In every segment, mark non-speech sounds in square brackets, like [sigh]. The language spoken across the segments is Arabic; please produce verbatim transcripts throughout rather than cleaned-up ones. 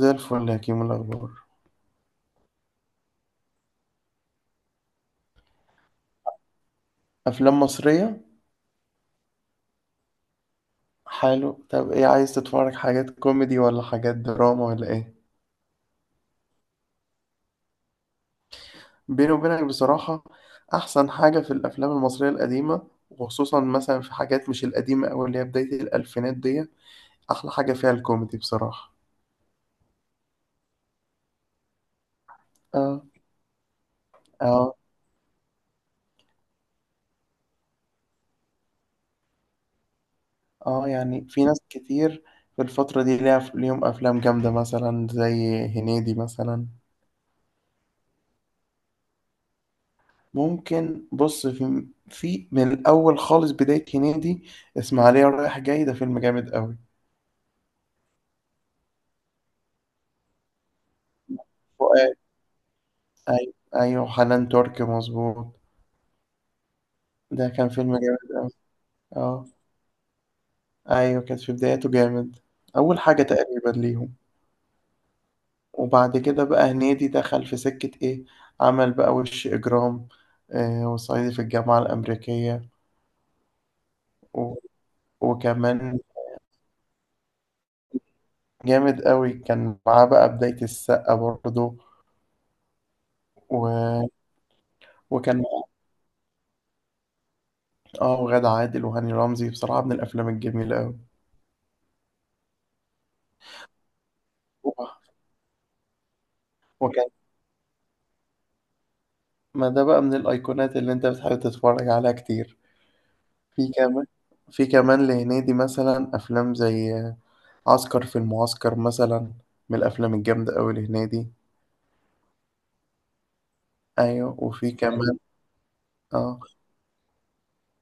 زي الفل يا كيمو، إيه الأخبار؟ أفلام مصرية. حلو، طب إيه عايز تتفرج، حاجات كوميدي ولا حاجات دراما ولا إيه؟ بيني وبينك بصراحة، أحسن حاجة في الأفلام المصرية القديمة وخصوصا مثلا في حاجات مش القديمة أو اللي هي بداية الألفينات دي، أحلى حاجة فيها الكوميدي بصراحة. آه. آه. آه، يعني في ناس كتير في الفترة دي ليها ليهم أفلام جامدة مثلا زي هنيدي مثلا. ممكن بص، في في من الاول خالص بدايه هنيدي، اسماعيليه رايح جاي ده فيلم جامد قوي. فؤاد. ايوه، ايوه، حنان ترك، مظبوط. ده كان فيلم جامد قوي. اه. ايوه كانت في بدايته جامد، اول حاجه تقريبا ليهم. وبعد كده بقى هنيدي دخل في سكه ايه، عمل بقى وش اجرام، آه وصعيدي في الجامعه الامريكيه و... وكمان. جامد قوي، كان معاه بقى بدايه السقا برضه. و... وكان اه وغادة عادل وهاني رمزي، بصراحة من الأفلام الجميلة أوي. و- وكان. ما ده بقى من الأيقونات اللي أنت بتحب تتفرج عليها كتير. في كمان، في كمان لهنيدي مثلا أفلام زي عسكر في المعسكر مثلا، من الأفلام الجامدة أوي لهنيدي. أيوة وفي كمان. اه،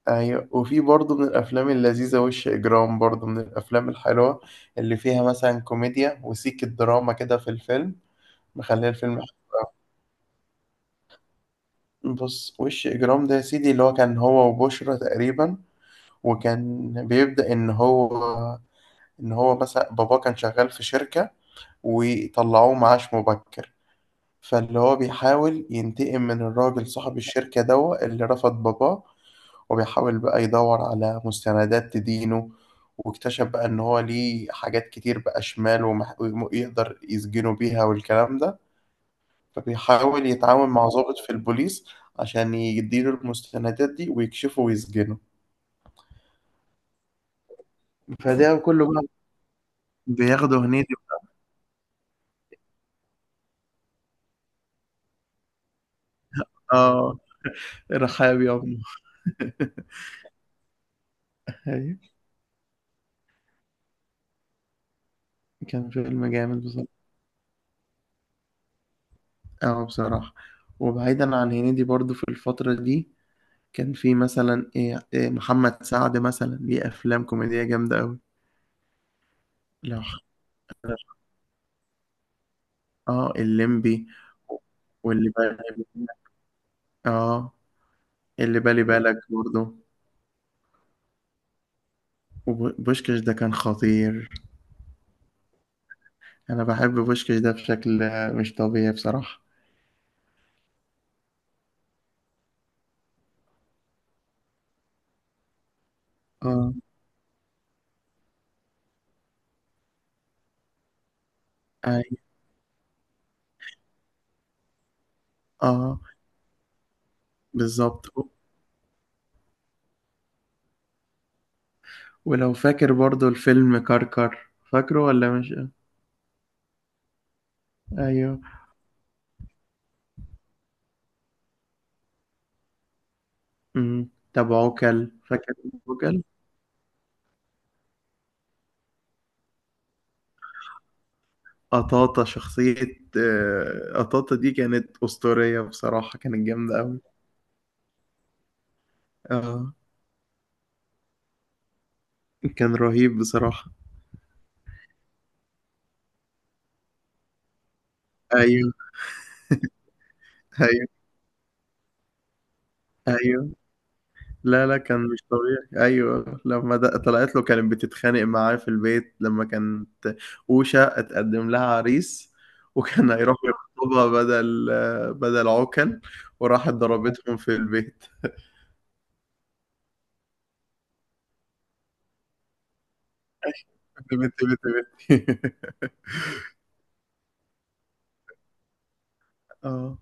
أيوة وفي برضه من الأفلام اللذيذة وش إجرام، برضه من الأفلام الحلوة اللي فيها مثلا كوميديا وسيك الدراما كده في الفيلم، مخليه الفيلم. بص، وش اجرام ده يا سيدي، اللي هو كان هو وبشرى تقريبا. وكان بيبدأ ان هو ان هو مثلا باباه كان شغال في شركة وطلعوه معاش مبكر، فاللي هو بيحاول ينتقم من الراجل صاحب الشركة دوا اللي رفض باباه، وبيحاول بقى يدور على مستندات تدينه. واكتشف بقى ان هو ليه حاجات كتير بقى شمال ومح- ويقدر يسجنه بيها والكلام ده. فبيحاول يتعاون مع ضابط في البوليس عشان يديله المستندات دي ويكشفه ويسجنه. فده كله بقى بياخده هنيدي. اه، رحاب يا ابني. [laughs] أيوة، كان فيلم جامد بصراحة. اه بصراحة. وبعيدا عن هنيدي برضو في الفترة دي كان في مثلا ايه, إيه محمد سعد مثلا ليه أفلام كوميدية جامدة أوي. لو حضر. اه، الليمبي واللي بالي. اه، اللي بالي بالك برضو، وبوشكاش ده كان خطير. انا بحب بوشكش ده بشكل مش طبيعي بصراحة. اه. اي. اه، بالظبط. ولو فاكر برضو الفيلم كركر، فاكره ولا مش؟ ايوه. امم. طب عوكل فاكر؟ عوكل، قطاطة شخصية. آه، قطاطة دي كانت أسطورية بصراحة، كانت جامدة أوي. اه، كان رهيب بصراحة. ايوه. ايوه. ايوه. لا، لا، كان مش طبيعي. ايوه لما د- طلعت له، كانت بتتخانق معاه في البيت لما كانت اوشا اتقدم لها عريس، وكان هيروح يخطبها بدل بدل عكل، وراحت ضربتهم في البيت. [laughs] بت بت بت بت [laughs] اه.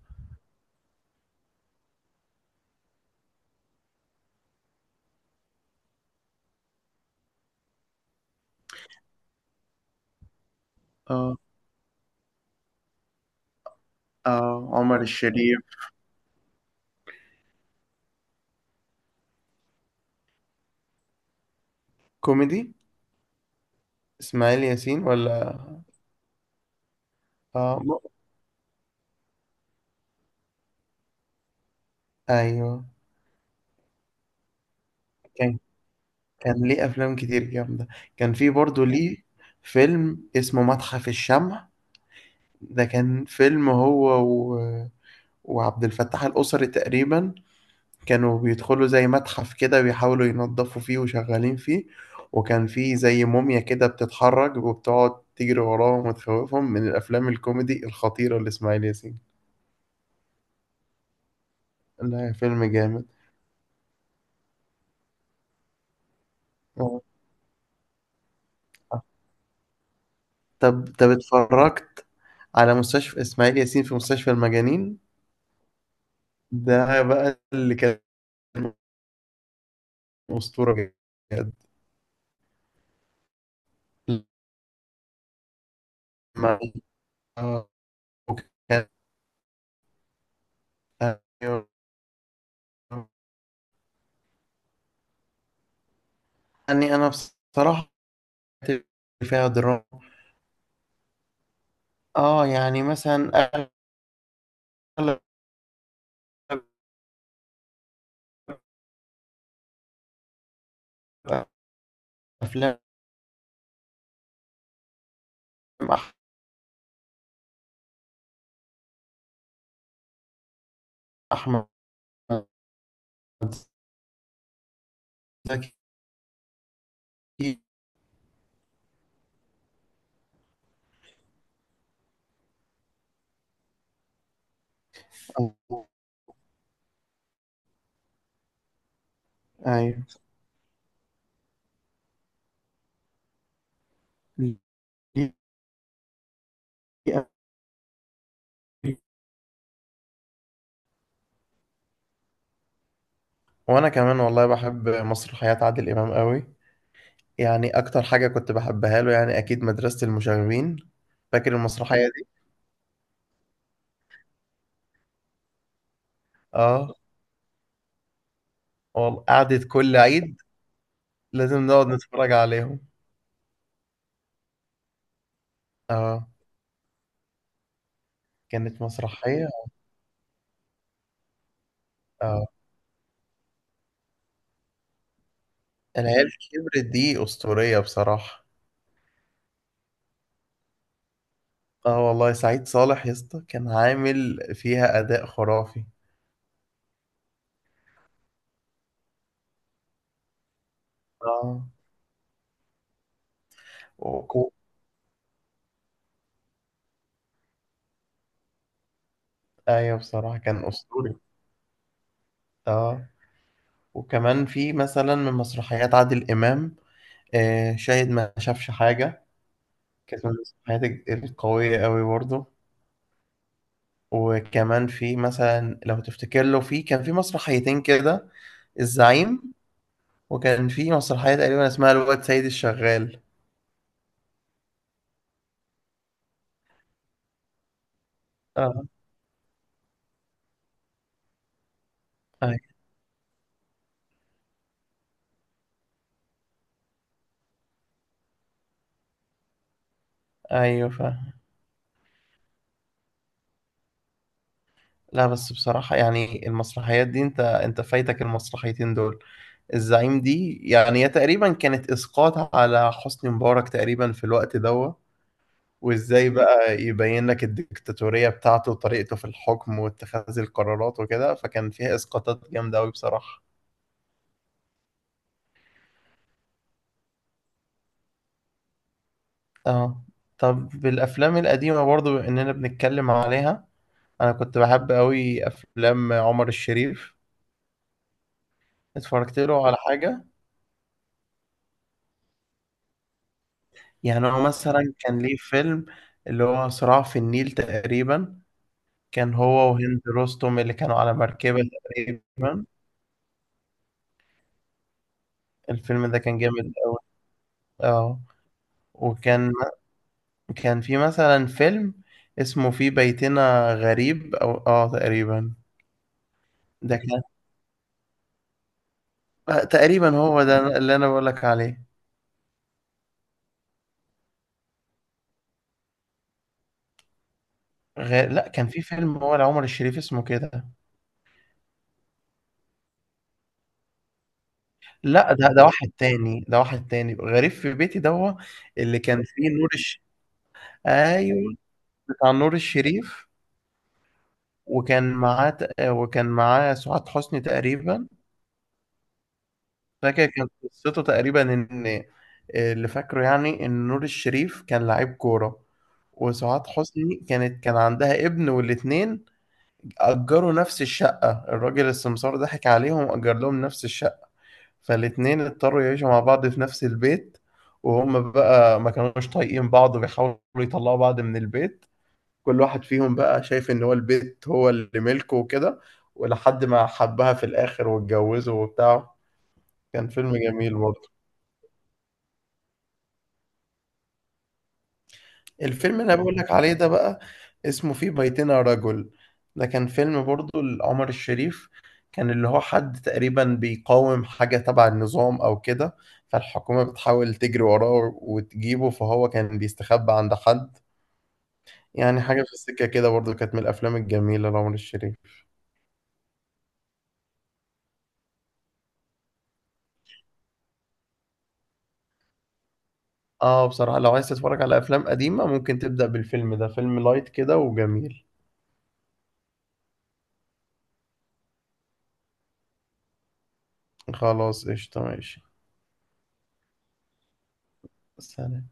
اه. اه، عمر الشريف. كوميدي. اسماعيل ياسين ولا؟ اه م- ايوه، كان كان ليه افلام كتير جامده. كان في برضه ليه فيلم اسمه متحف الشمع. ده كان فيلم هو و... وعبد الفتاح القصري تقريبا، كانوا بيدخلوا زي متحف كده بيحاولوا ينظفوا فيه وشغالين فيه، وكان فيه زي موميا كده بتتحرك وبتقعد تجري وراهم وتخوفهم، من الأفلام الكوميدي الخطيرة لإسماعيل ياسين. لا، فيلم جامد. آه. طب طب اتفرجت على مستشفى إسماعيل ياسين في مستشفى المجانين؟ ده بقى اللي كان أسطورة بجد. لما- آه، وكان- يعني انا بصراحه فيها دراما. اه، يعني مثلا اغلب افلام أح- احمد زكي. أو- ايوه. دي- وانا كمان والله بحب مسرحيات عادل امام قوي. يعني اكتر حاجه كنت بحبها له يعني اكيد مدرسه المشاغبين، فاكر المسرحيه دي؟ اه والله، قعدت كل عيد لازم نقعد نتفرج عليهم. اه، كانت مسرحيه. اه، العيال كبرت دي أسطورية بصراحة. اه والله، سعيد صالح يا اسطى كان عامل فيها أداء خرافي. اه وكو أيوة بصراحة كان أسطوري. اه، وكمان في مثلا من مسرحيات عادل إمام آه شاهد ما شافش حاجة، كانت من المسرحيات القوية أوي برضه. وكمان في مثلا لو تفتكر له، في كان في مسرحيتين كده، الزعيم، وكان في مسرحية تقريبا اسمها الواد سيد الشغال. اه أي- ايوه فاهم. لا بس بصراحة يعني المسرحيات دي، انت انت فايتك المسرحيتين دول. الزعيم دي يعني هي تقريبا كانت اسقاط على حسني مبارك تقريبا في الوقت دوت، وازاي بقى يبين لك الدكتاتورية بتاعته وطريقته في الحكم واتخاذ القرارات وكده، فكان فيها اسقاطات جامدة قوي بصراحة. اه، طب بالافلام القديمة برضو، بما اننا بنتكلم عليها، انا كنت بحب قوي افلام عمر الشريف. اتفرجت له على حاجة؟ يعني هو مثلا كان ليه فيلم، اللي هو صراع في النيل تقريبا، كان هو وهند رستم اللي كانوا على مركبة تقريبا. الفيلم ده كان جامد أوي. اه، وكان كان في مثلا فيلم اسمه في بيتنا غريب أو اه تقريبا. ده كان، آه، تقريبا هو ده اللي أنا بقولك عليه. غير لا، كان في فيلم هو لعمر الشريف اسمه كده. لا، ده ده واحد تاني، ده واحد تاني، غريب في بيتي ده هو اللي كان فيه نور الش... ايوه، بتاع نور الشريف. وكان معاه ت- وكان معاه سعاد حسني تقريبا. فاكر كانت قصته تقريبا ان، اللي فاكره يعني، ان نور الشريف كان لعيب كورة، وسعاد حسني كانت كان عندها ابن، والاتنين أجروا نفس الشقة، الراجل السمسار ضحك عليهم وأجر لهم نفس الشقة، فالاتنين اضطروا يعيشوا مع بعض في نفس البيت، وهم بقى ما كانوش طايقين بعض، بيحاولوا يطلعوا بعض من البيت، كل واحد فيهم بقى شايف ان هو البيت هو اللي ملكه وكده، ولحد ما حبها في الاخر واتجوزه وبتاع. كان فيلم جميل برضه. الفيلم اللي انا بقول لك عليه ده بقى، اسمه في بيتنا رجل، ده كان فيلم برضه لعمر الشريف، كان اللي هو حد تقريبا بيقاوم حاجة تبع النظام او كده، فالحكومة بتحاول تجري وراه وتجيبه، فهو كان بيستخبى عند حد. يعني حاجة في السكة كده برضه، كانت من الافلام الجميلة لعمر الشريف. اه بصراحة، لو عايز تتفرج على افلام قديمة ممكن تبدأ بالفيلم ده، فيلم لايت كده وجميل. خلاص قشطة ماشي. سلام.